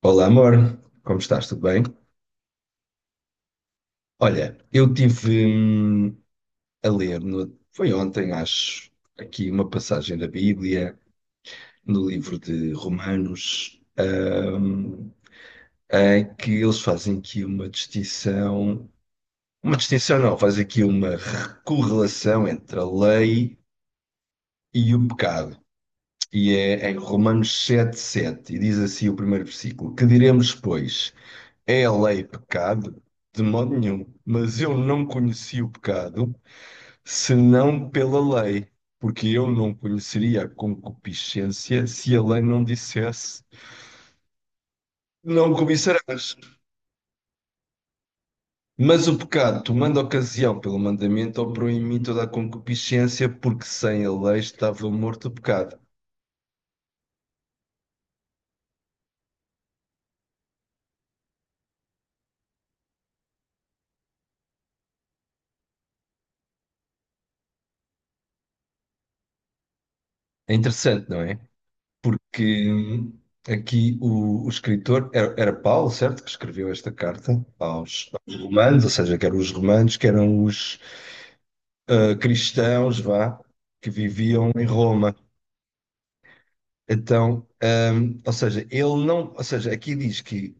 Olá, amor, como estás? Tudo bem? Olha, eu tive a ler, foi ontem, acho, aqui uma passagem da Bíblia, no livro de Romanos, em que eles fazem aqui uma distinção não, fazem aqui uma correlação entre a lei e o pecado. E é em Romanos 7:7 e diz assim o primeiro versículo: Que diremos, pois? É a lei pecado? De modo nenhum. Mas eu não conheci o pecado senão pela lei, porque eu não conheceria a concupiscência se a lei não dissesse: Não cobiçarás. Mas o pecado, tomando ocasião pelo mandamento, operou em mim toda a concupiscência, porque sem a lei estava morto o pecado. É interessante, não é? Porque aqui o escritor era Paulo, certo? Que escreveu esta carta aos romanos, ou seja, que eram os romanos, que eram os ah, cristãos, vá, que viviam em Roma. Então, ou seja, ele não, ou seja, aqui diz que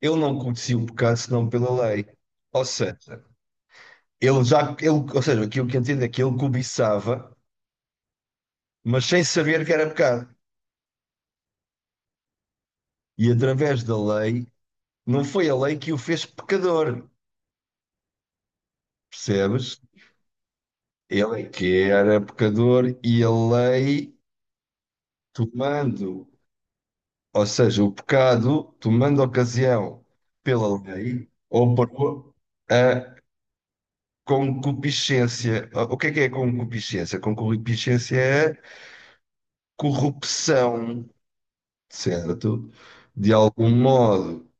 ele não conhecia o pecado senão pela lei. Ou seja, ou seja, aquilo que entendo é que ele cobiçava, mas sem saber que era pecado. E através da lei, não foi a lei que o fez pecador, percebes? Ele é que era pecador e a lei, tomando, ou seja, o pecado, tomando ocasião pela lei ou por a concupiscência. O que é concupiscência? Concupiscência é corrupção, certo? De algum modo.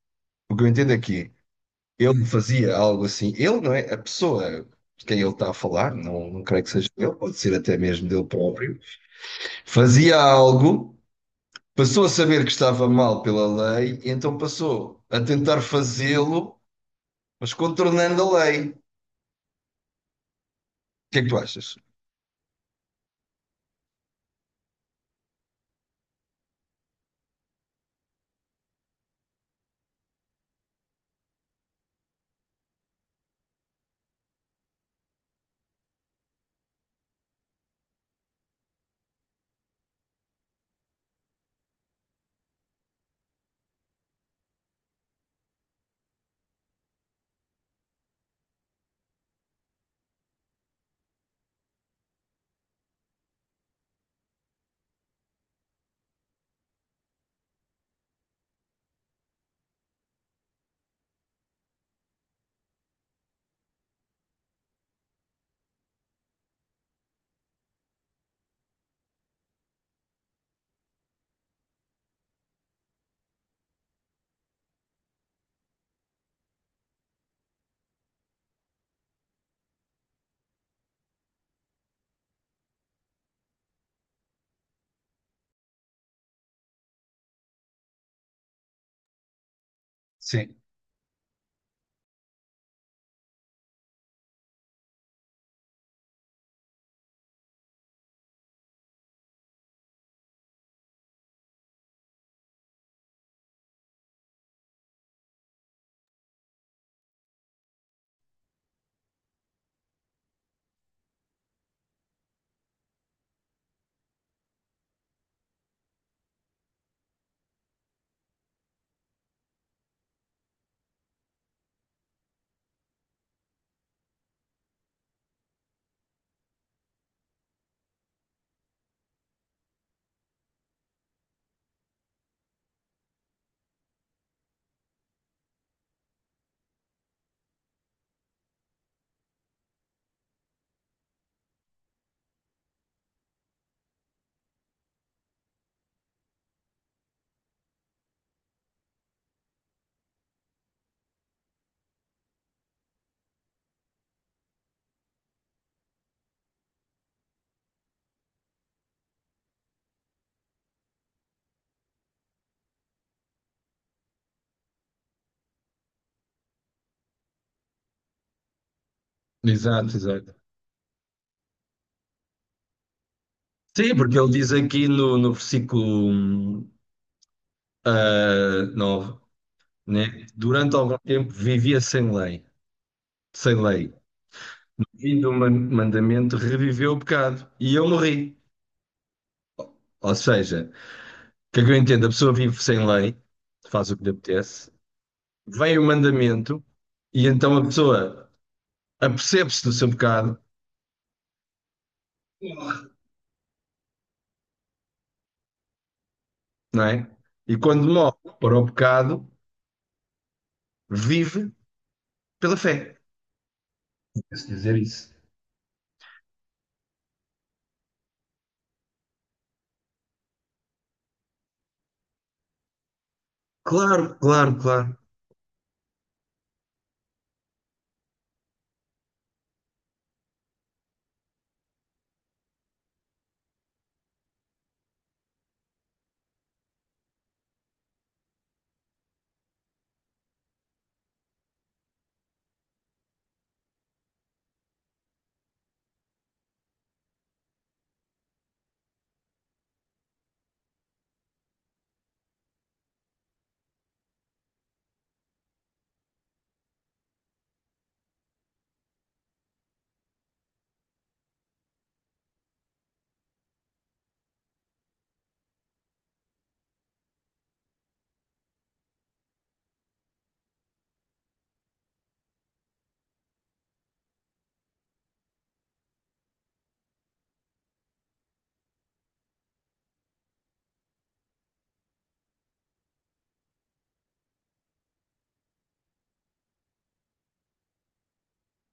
O que eu entendo aqui, ele fazia algo assim. Ele não é a pessoa de quem ele está a falar, não, não creio que seja ele, pode ser até mesmo dele próprio. Fazia algo. Passou a saber que estava mal pela lei, e então passou a tentar fazê-lo, mas contornando a lei. O que é que tu achas? Sim, exato, exato. Sim, porque ele diz aqui no versículo ah, 9, né? Durante algum tempo vivia sem lei, sem lei. Vindo mandamento reviveu o pecado e eu morri. Ou seja, o que é que eu entendo? A pessoa vive sem lei, faz o que lhe apetece, vem o mandamento e então a pessoa apercebe-se do seu pecado, não é? E quando morre para o pecado, vive pela fé. Se dizer isso. Claro, claro, claro.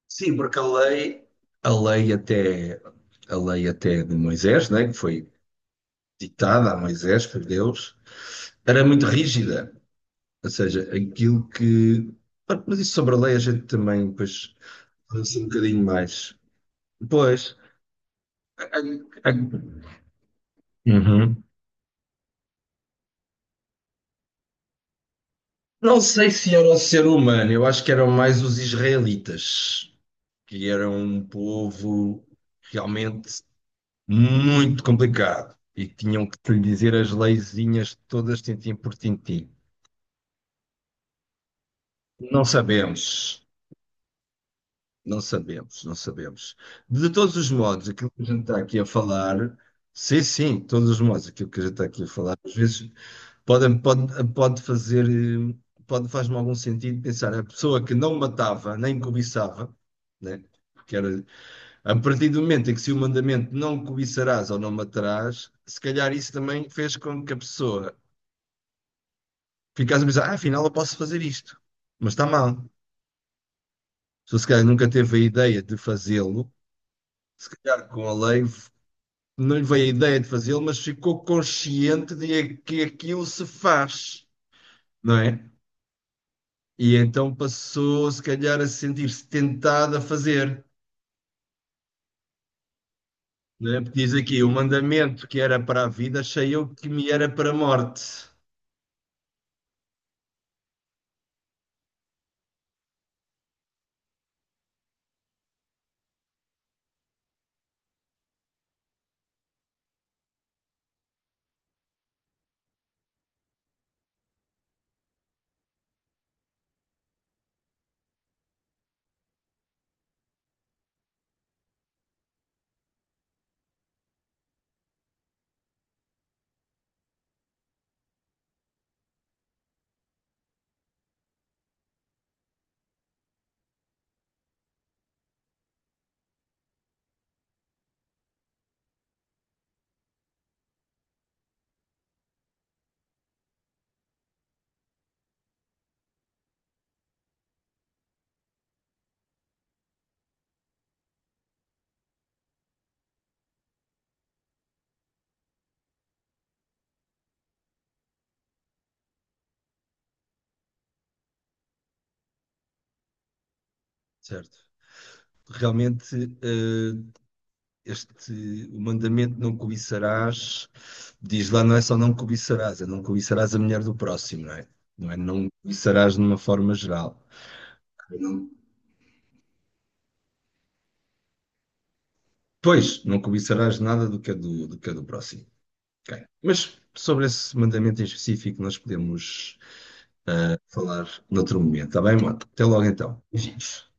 Sim, porque a lei até, a lei até de Moisés, né, que foi ditada a Moisés por Deus, era muito rígida. Ou seja, aquilo que. Mas isso sobre a lei a gente também, pois, lança um bocadinho mais. Pois. a- a- a- Uhum. Não sei se era o ser humano, eu acho que eram mais os israelitas, que eram um povo realmente muito complicado e que tinham que lhe dizer as leizinhas todas tintim por tintim. Não sabemos, não sabemos, não sabemos. De todos os modos, aquilo que a gente está aqui a falar, sim, sim, de todos os modos, aquilo que a gente está aqui a falar, às vezes. Pode, pode, pode fazer, pode, faz-me algum sentido pensar, a pessoa que não matava nem cobiçava, né? Que era, a partir do momento em que se o mandamento não cobiçarás ou não matarás, se calhar isso também fez com que a pessoa ficasse a pensar, ah, afinal eu posso fazer isto, mas está mal. A se calhar nunca teve a ideia de fazê-lo, se calhar com a lei não lhe veio a ideia de fazê-lo, mas ficou consciente de que aquilo se faz, não é? E então passou, se calhar, a sentir-se tentado a fazer, né? Porque diz aqui, o mandamento que era para a vida, achei eu que me era para a morte, certo? Realmente, eh, este, o mandamento não cobiçarás, diz lá, não é só não cobiçarás, é não cobiçarás a mulher do próximo, não é? Não é não cobiçarás de uma forma geral. Não- Pois, não cobiçarás nada do que é do, do que é do próximo. Ok. Mas sobre esse mandamento em específico, nós podemos falar noutro momento, está bem, Mota? Até logo então. Beijinhos.